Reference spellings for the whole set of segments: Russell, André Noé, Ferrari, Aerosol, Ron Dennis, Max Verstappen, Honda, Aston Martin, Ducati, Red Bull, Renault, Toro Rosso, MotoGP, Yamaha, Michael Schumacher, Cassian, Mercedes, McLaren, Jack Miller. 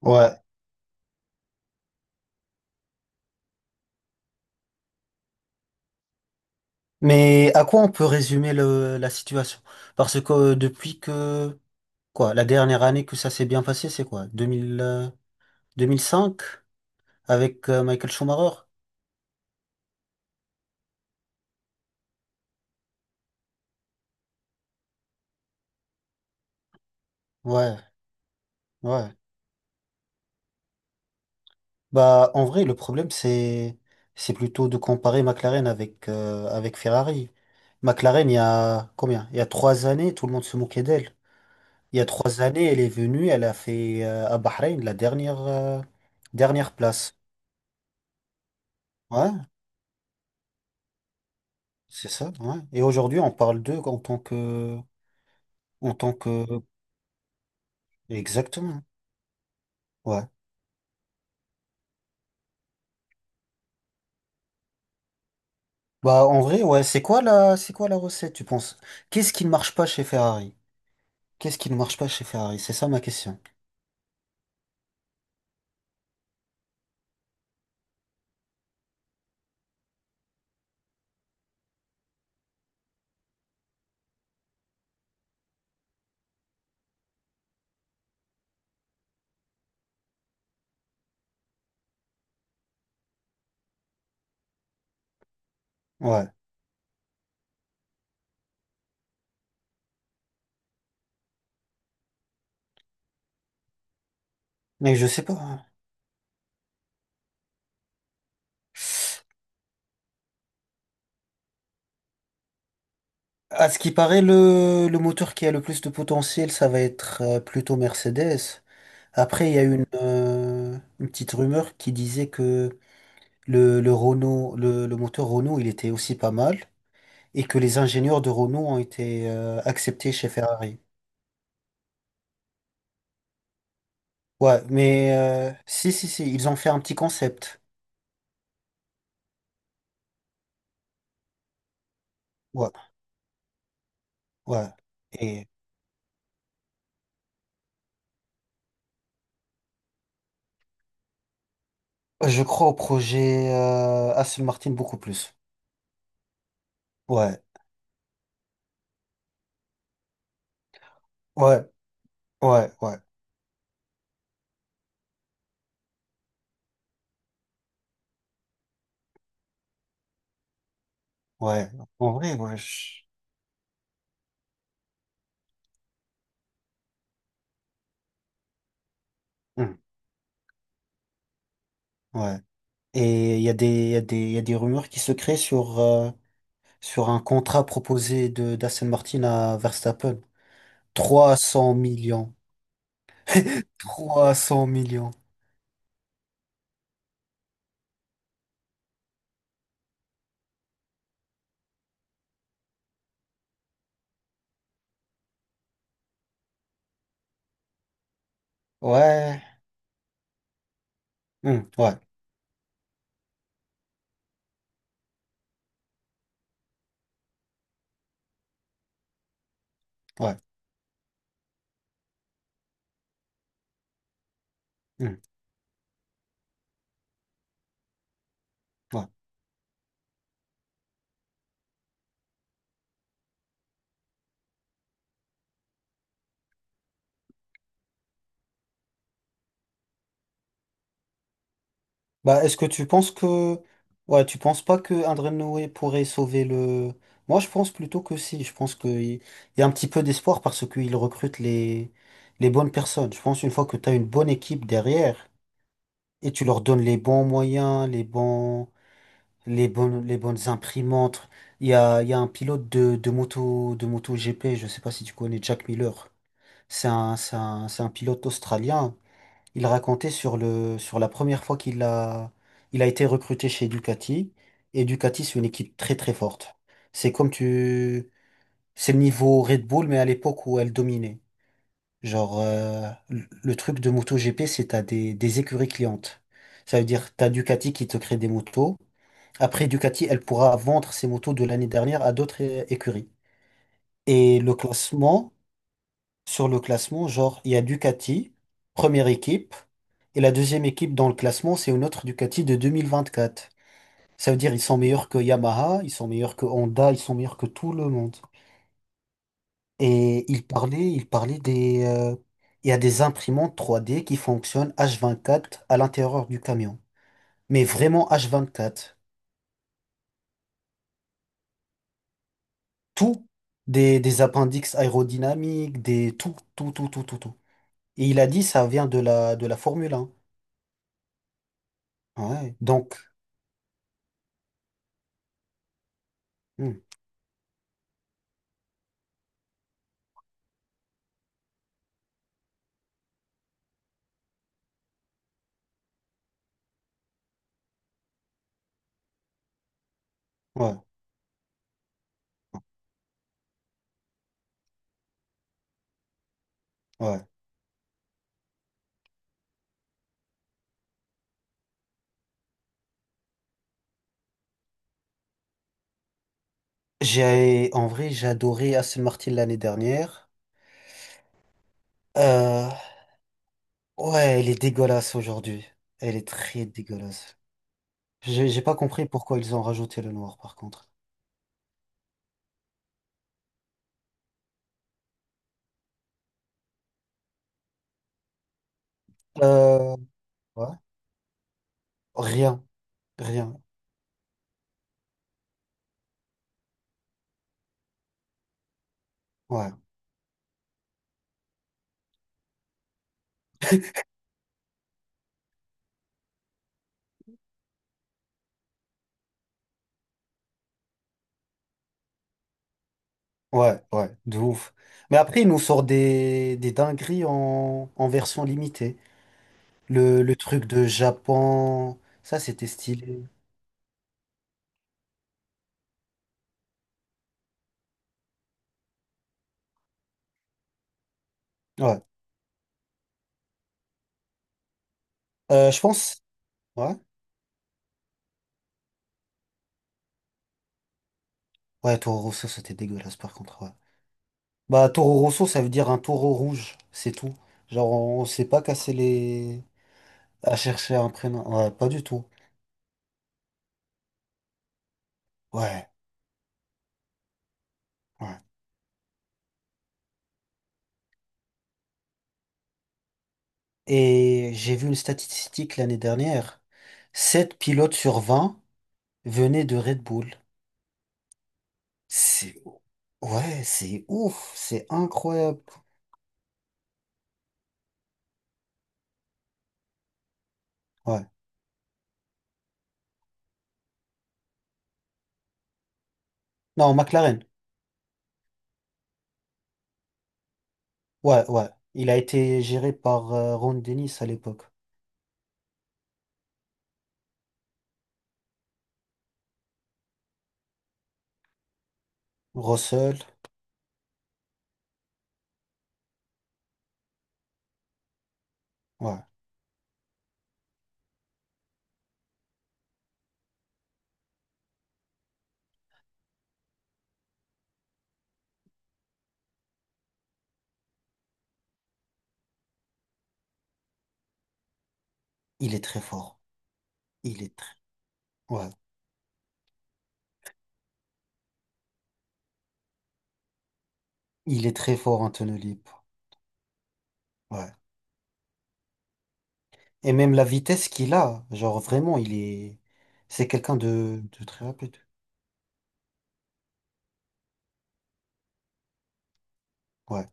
Ouais, mais à quoi on peut résumer la situation? Parce que depuis que, quoi, la dernière année que ça s'est bien passé, c'est quoi? 2000, 2005 avec Michael Schumacher? Ouais, ouais. Bah, en vrai, le problème, c'est plutôt de comparer McLaren avec, avec Ferrari. McLaren, il y a combien? Il y a trois années, tout le monde se moquait d'elle. Il y a trois années, elle est venue, elle a fait à Bahreïn dernière place. Ouais. C'est ça, ouais. Et aujourd'hui, on parle d'eux en tant que, exactement, ouais. Bah, en vrai, ouais, c'est quoi la recette, tu penses? Qu'est-ce qui ne marche pas chez Ferrari? Qu'est-ce qui ne marche pas chez Ferrari? C'est ça ma question. Ouais. Mais je sais pas, hein. À ce qui paraît, le moteur qui a le plus de potentiel, ça va être plutôt Mercedes. Après, il y a une petite rumeur qui disait que le moteur Renault, il était aussi pas mal. Et que les ingénieurs de Renault ont été acceptés chez Ferrari. Ouais, mais si, ils ont fait un petit concept. Ouais, ouais. Et je crois au projet Aston Martin beaucoup plus. Ouais, ouais, ouais, ouais, ouais. En vrai, ouais. Hmm, ouais. Et il y a des, il y a des, il y a des rumeurs qui se créent sur, sur un contrat proposé de d'Aston Martin à Verstappen. 300 millions. 300 millions. Ouais. Hmm, ouais, ouais. Hmm, ouais. Bah, est-ce que tu penses que… Ouais, tu penses pas que André Noé pourrait sauver le… Moi, je pense plutôt que si. Je pense qu'il il y a un petit peu d'espoir parce qu'il recrute les… les bonnes personnes. Je pense une fois que tu as une bonne équipe derrière et tu leur donnes les bons moyens, les bonnes imprimantes. Il y a… il y a un pilote de, de moto GP, je sais pas si tu connais Jack Miller. C'est un pilote australien. Il racontait sur sur la première fois qu'il a, il a été recruté chez Ducati. Et Ducati, c'est une équipe très très forte. C'est comme tu, c'est le niveau Red Bull, mais à l'époque où elle dominait. Genre, le truc de MotoGP, c'est t'as des écuries clientes. Ça veut dire t'as Ducati qui te crée des motos. Après, Ducati, elle pourra vendre ses motos de l'année dernière à d'autres écuries. Et le classement, sur le classement, genre, il y a Ducati, première équipe. Et la deuxième équipe dans le classement, c'est une autre Ducati de 2024. Ça veut dire ils sont meilleurs que Yamaha, ils sont meilleurs que Honda, ils sont meilleurs que tout le monde. Et il parlait des… il y a des imprimantes 3D qui fonctionnent H24 à l'intérieur du camion. Mais vraiment H24. Tout. Des appendices aérodynamiques, des tout. Et il a dit ça vient de la Formule 1. Ouais. Donc, hmm, ouais, ouais. J'ai, en vrai, j'ai adoré Aston Martin l'année dernière. Euh, ouais, elle est dégueulasse aujourd'hui. Elle est très dégueulasse. J'ai pas compris pourquoi ils ont rajouté le noir, par contre. Euh, ouais. Rien, rien. Ouais, ouais, de ouf. Mais après, ils nous sortent des dingueries en, en version limitée. Le truc de Japon, ça, c'était stylé. Ouais. Je pense. Ouais. Ouais, Toro Rosso, c'était dégueulasse, par contre. Ouais. Bah, Toro Rosso, ça veut dire un taureau rouge, c'est tout. Genre, on s'est pas cassé les. À chercher un prénom. Ouais, pas du tout. Ouais, ouais. Et j'ai vu une statistique l'année dernière. 7 pilotes sur 20 venaient de Red Bull. C'est… Ouais, c'est ouf. C'est incroyable. Ouais. Non, McLaren. Ouais. Il a été géré par Ron Dennis à l'époque. Russell. Ouais. Il est très fort. Il est très… Ouais. Il est très fort en tenue libre. Ouais. Et même la vitesse qu'il a, genre vraiment, il est… C'est quelqu'un de très rapide. Ouais.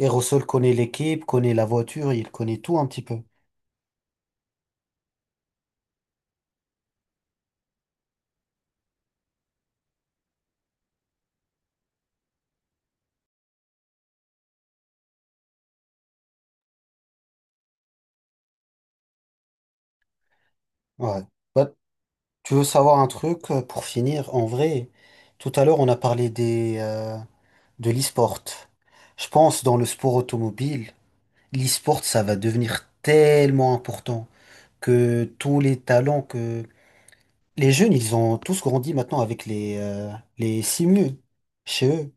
Aerosol connaît l'équipe, connaît la voiture, il connaît tout un petit peu. Ouais. Bah, tu veux savoir un truc pour finir? En vrai, tout à l'heure, on a parlé des, de l'e-sport. Je pense dans le sport automobile, l'e-sport, ça va devenir tellement important que tous les talents que les jeunes, ils ont tous grandi maintenant avec les simus chez eux.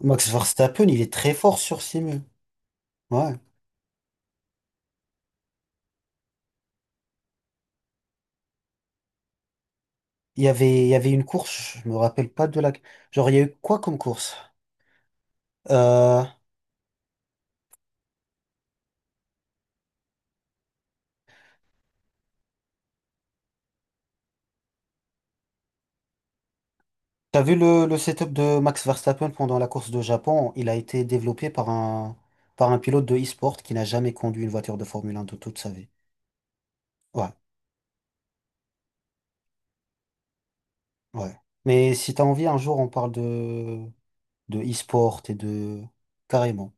Max Verstappen, il est très fort sur simu. Ouais. Il y avait une course, je me rappelle pas de la… Genre, il y a eu quoi comme course? Euh, t'as vu le setup de Max Verstappen pendant la course de Japon? Il a été développé par un pilote de e-sport qui n'a jamais conduit une voiture de Formule 1 de toute sa vie. Ouais, ouais. Mais si t'as envie, un jour, on parle de e-sport et de… Carrément.